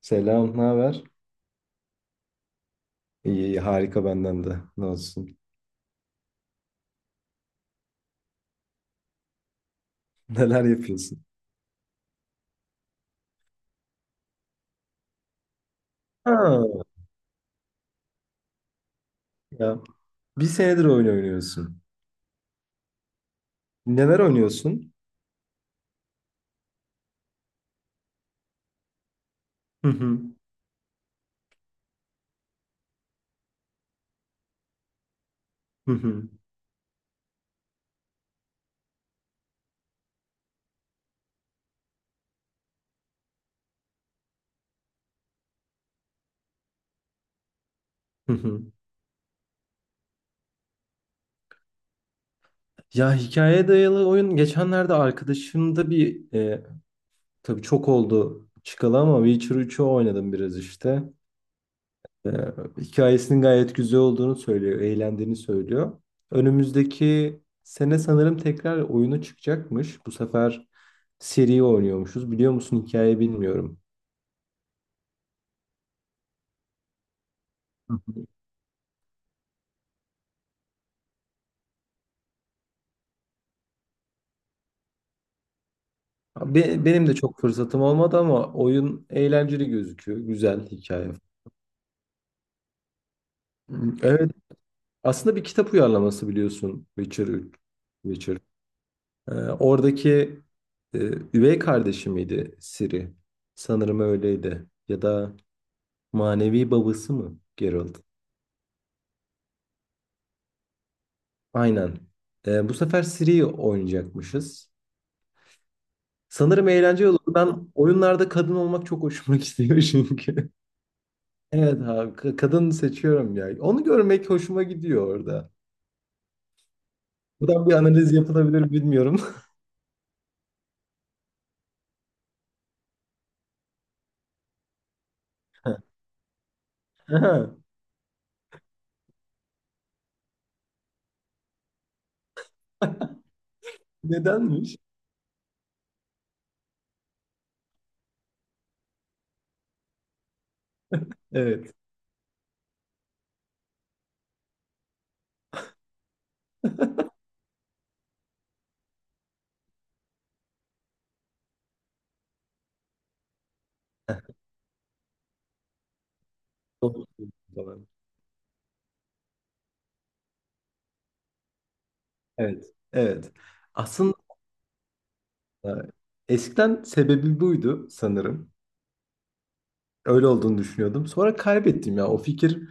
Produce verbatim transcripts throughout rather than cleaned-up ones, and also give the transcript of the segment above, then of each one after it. Selam, ne haber? İyi, iyi, harika benden de. Ne olsun? Neler yapıyorsun? Ha, ya. Bir senedir oyun oynuyorsun. Neler oynuyorsun? Hı hı, hı hı, hı hı. Ya, hikayeye dayalı oyun geçenlerde arkadaşımda bir e, tabii çok oldu çıkalı ama Witcher üçü oynadım biraz işte. e, Hikayesinin gayet güzel olduğunu söylüyor, eğlendiğini söylüyor. Önümüzdeki sene sanırım tekrar oyunu çıkacakmış. Bu sefer seri oynuyormuşuz. Biliyor musun, hikayeyi bilmiyorum. Hı hı. Be- benim de çok fırsatım olmadı ama oyun eğlenceli gözüküyor. Güzel hikaye. Evet, aslında bir kitap uyarlaması biliyorsun Witcher üç. Witcher. Ee, oradaki e, üvey kardeşi miydi Ciri? Sanırım öyleydi. Ya da manevi babası mı Geralt? Aynen. Ee, bu sefer Ciri'yi oynayacakmışız. Sanırım eğlenceli olur. Ben oyunlarda kadın olmak çok hoşuma gidiyor çünkü. Evet abi, ka- kadın seçiyorum ya. Onu görmek hoşuma gidiyor orada. Buradan bir analiz yapılabilir mi bilmiyorum. Aha. Nedenmiş? Evet. Doğru söylüyorsun. Evet. Evet. Aslında e, eskiden sebebi buydu sanırım. Öyle olduğunu düşünüyordum. Sonra kaybettim ya. O fikir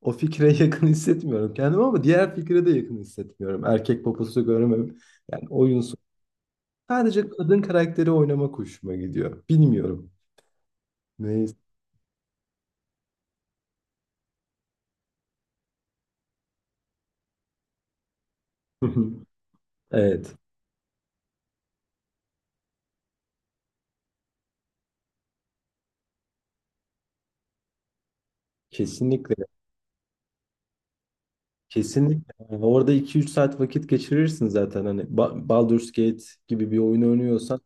o fikre yakın hissetmiyorum kendimi ama diğer fikre de yakın hissetmiyorum. Erkek poposu görmem. Yani oyunsu. Sadece kadın karakteri oynamak hoşuma gidiyor. Bilmiyorum. Neyse. Evet. Kesinlikle. Kesinlikle. Yani orada iki üç saat vakit geçirirsin zaten. Hani Ba- Baldur's Gate gibi bir oyun oynuyorsan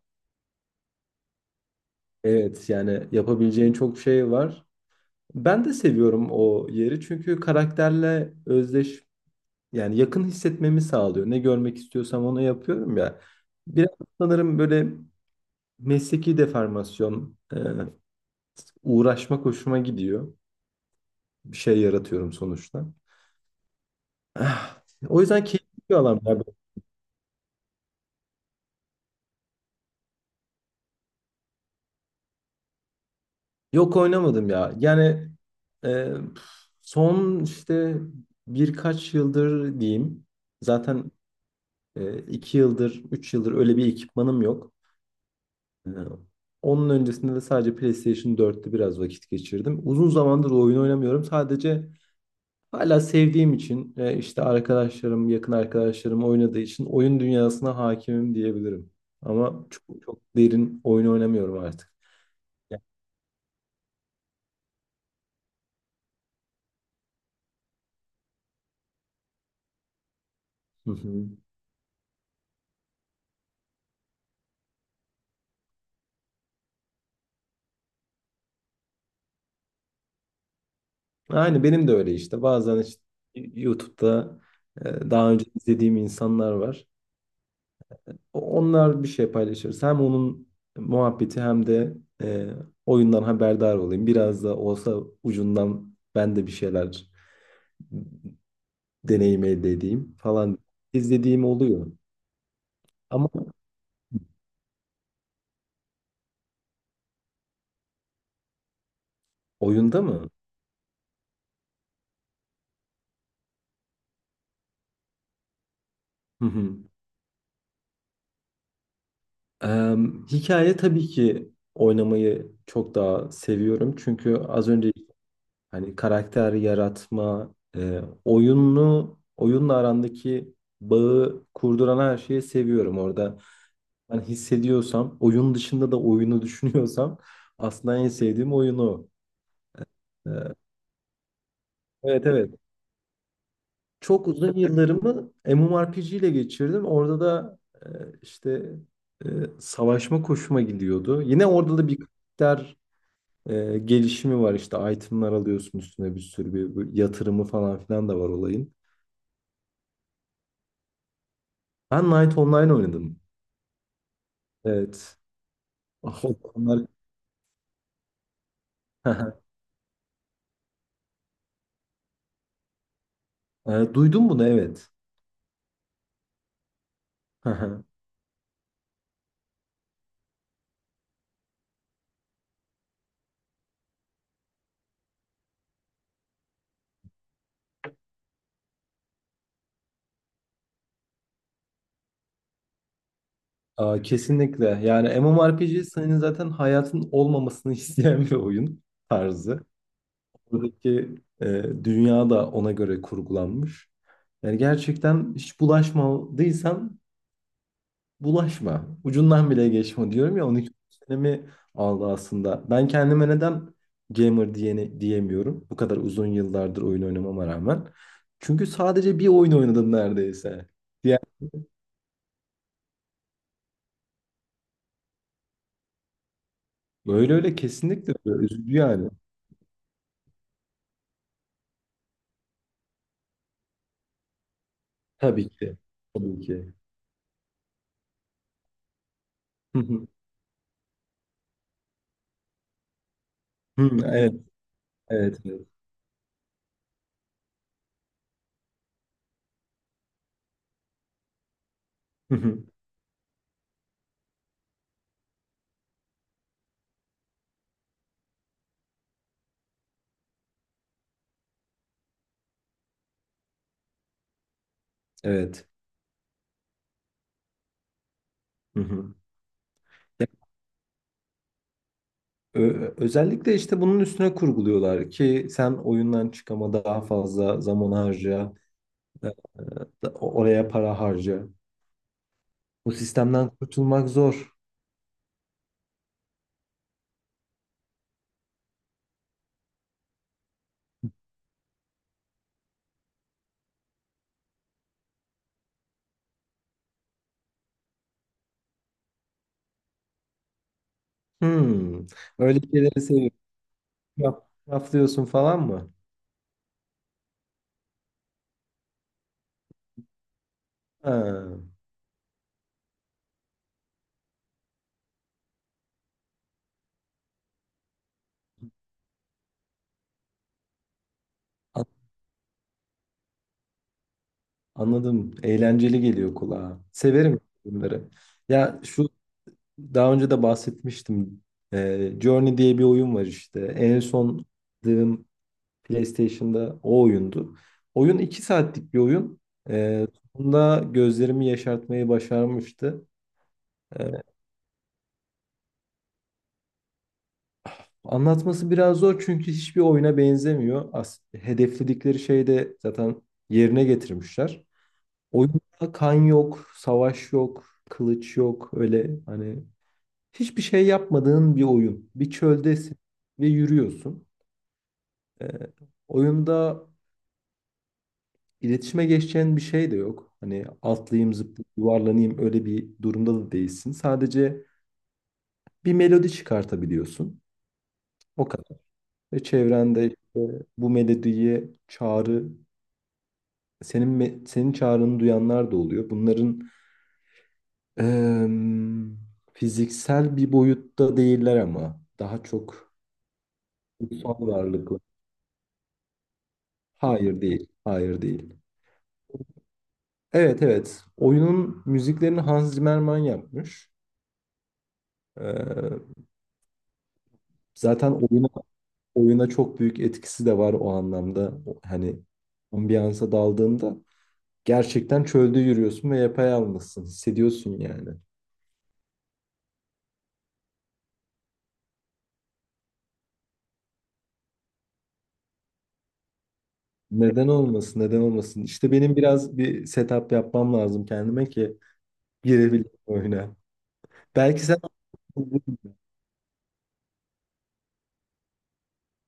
evet, yani yapabileceğin çok şey var. Ben de seviyorum o yeri çünkü karakterle özdeş. Yani yakın hissetmemi sağlıyor. Ne görmek istiyorsam onu yapıyorum ya. Biraz sanırım böyle mesleki deformasyon, e, uğraşmak hoşuma gidiyor. Bir şey yaratıyorum sonuçta. Ah, o yüzden keyifli bir alan ya bu. Yok, oynamadım ya. Yani e, son işte birkaç yıldır diyeyim. Zaten e, iki yıldır, üç yıldır öyle bir ekipmanım yok. Ee, Onun öncesinde de sadece PlayStation dörtte biraz vakit geçirdim. Uzun zamandır oyun oynamıyorum. Sadece hala sevdiğim için, e, işte arkadaşlarım, yakın arkadaşlarım oynadığı için oyun dünyasına hakimim diyebilirim. Ama çok, çok derin oyun oynamıyorum artık. Ya. Hı hı. Aynı benim de öyle işte. Bazen işte YouTube'da, e, daha önce izlediğim insanlar var. O- Onlar bir şey paylaşırız. Hem onun muhabbeti hem de e, oyundan haberdar olayım. Biraz da olsa ucundan ben de bir şeyler deneyim elde edeyim falan. İzlediğim oluyor. Ama oyunda mı? Hı hı. Em, hikaye tabii ki oynamayı çok daha seviyorum. Çünkü az önce hani karakter yaratma, e, oyunu, oyunla arandaki bağı kurduran her şeyi seviyorum orada. Ben hissediyorsam, oyun dışında da oyunu düşünüyorsam aslında en sevdiğim oyunu. Evet, evet. Çok uzun yıllarımı MMORPG ile geçirdim. Orada da e, işte e, savaşma koşuma gidiyordu. Yine orada da bir karakter e, gelişimi var. İşte itemlar alıyorsun üstüne bir sürü bir, bir yatırımı falan filan da var olayın. Ben Knight Online oynadım. Evet. Ah, onlar- E, duydun bunu evet. Aa, kesinlikle. Yani MMORPG senin zaten hayatın olmamasını isteyen bir oyun tarzı. Buradaki e, dünya da ona göre kurgulanmış. Yani gerçekten hiç bulaşmadıysan bulaşma. Ucundan bile geçme, diyorum ya, on iki senemi aldı aslında. Ben kendime neden gamer diyene, diyemiyorum. Bu kadar uzun yıllardır oyun oynamama rağmen. Çünkü sadece bir oyun oynadım neredeyse. Diğer, öyle öyle kesinlikle öyle. Üzücü yani. Tabii ki. Tabii ki. Hı hı. Hı. Evet, evet, evet. Hı hı. Evet. Hı hı. Ya, ö- özellikle işte bunun üstüne kurguluyorlar ki sen oyundan çıkama daha fazla zaman harca, e, da- oraya para harca. Bu sistemden kurtulmak zor. Hmm. Öyle şeyleri seviyorum. Yap, raflıyorsun falan mı? Ha, an- anladım. Eğlenceli geliyor kulağa. Severim bunları. Ya şu Daha önce de bahsetmiştim. Ee, Journey diye bir oyun var işte. En son aldığım PlayStation'da o oyundu. Oyun iki saatlik bir oyun. Ee, Sonunda gözlerimi yaşartmayı başarmıştı. Ee, Anlatması biraz zor çünkü hiçbir oyuna benzemiyor. As hedefledikleri şeyi de zaten yerine getirmişler. Oyunda kan yok, savaş yok, kılıç yok. Öyle hani hiçbir şey yapmadığın bir oyun. Bir çöldesin ve yürüyorsun. Ee, Oyunda iletişime geçeceğin bir şey de yok. Hani atlayayım, zıplayayım, yuvarlanayım öyle bir durumda da değilsin. Sadece bir melodi çıkartabiliyorsun. O kadar. Ve çevrende işte bu melodiye çağrı, senin me- senin çağrını duyanlar da oluyor. Bunların em, fiziksel bir boyutta değiller ama daha çok ruhsal varlıklı. Hayır değil, hayır değil. Evet, evet. Oyunun müziklerini Hans Zimmerman yapmış. Ee, Zaten oyuna, oyuna çok büyük etkisi de var o anlamda. O- Hani ambiyansa daldığında gerçekten çölde yürüyorsun ve yapayalnızsın. Hissediyorsun yani. Neden olmasın, neden olmasın? İşte benim biraz bir setup yapmam lazım kendime ki girebileyim oyuna. Belki sen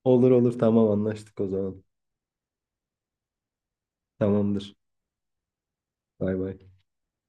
olur olur, tamam, anlaştık o zaman. Tamamdır. Bay bay.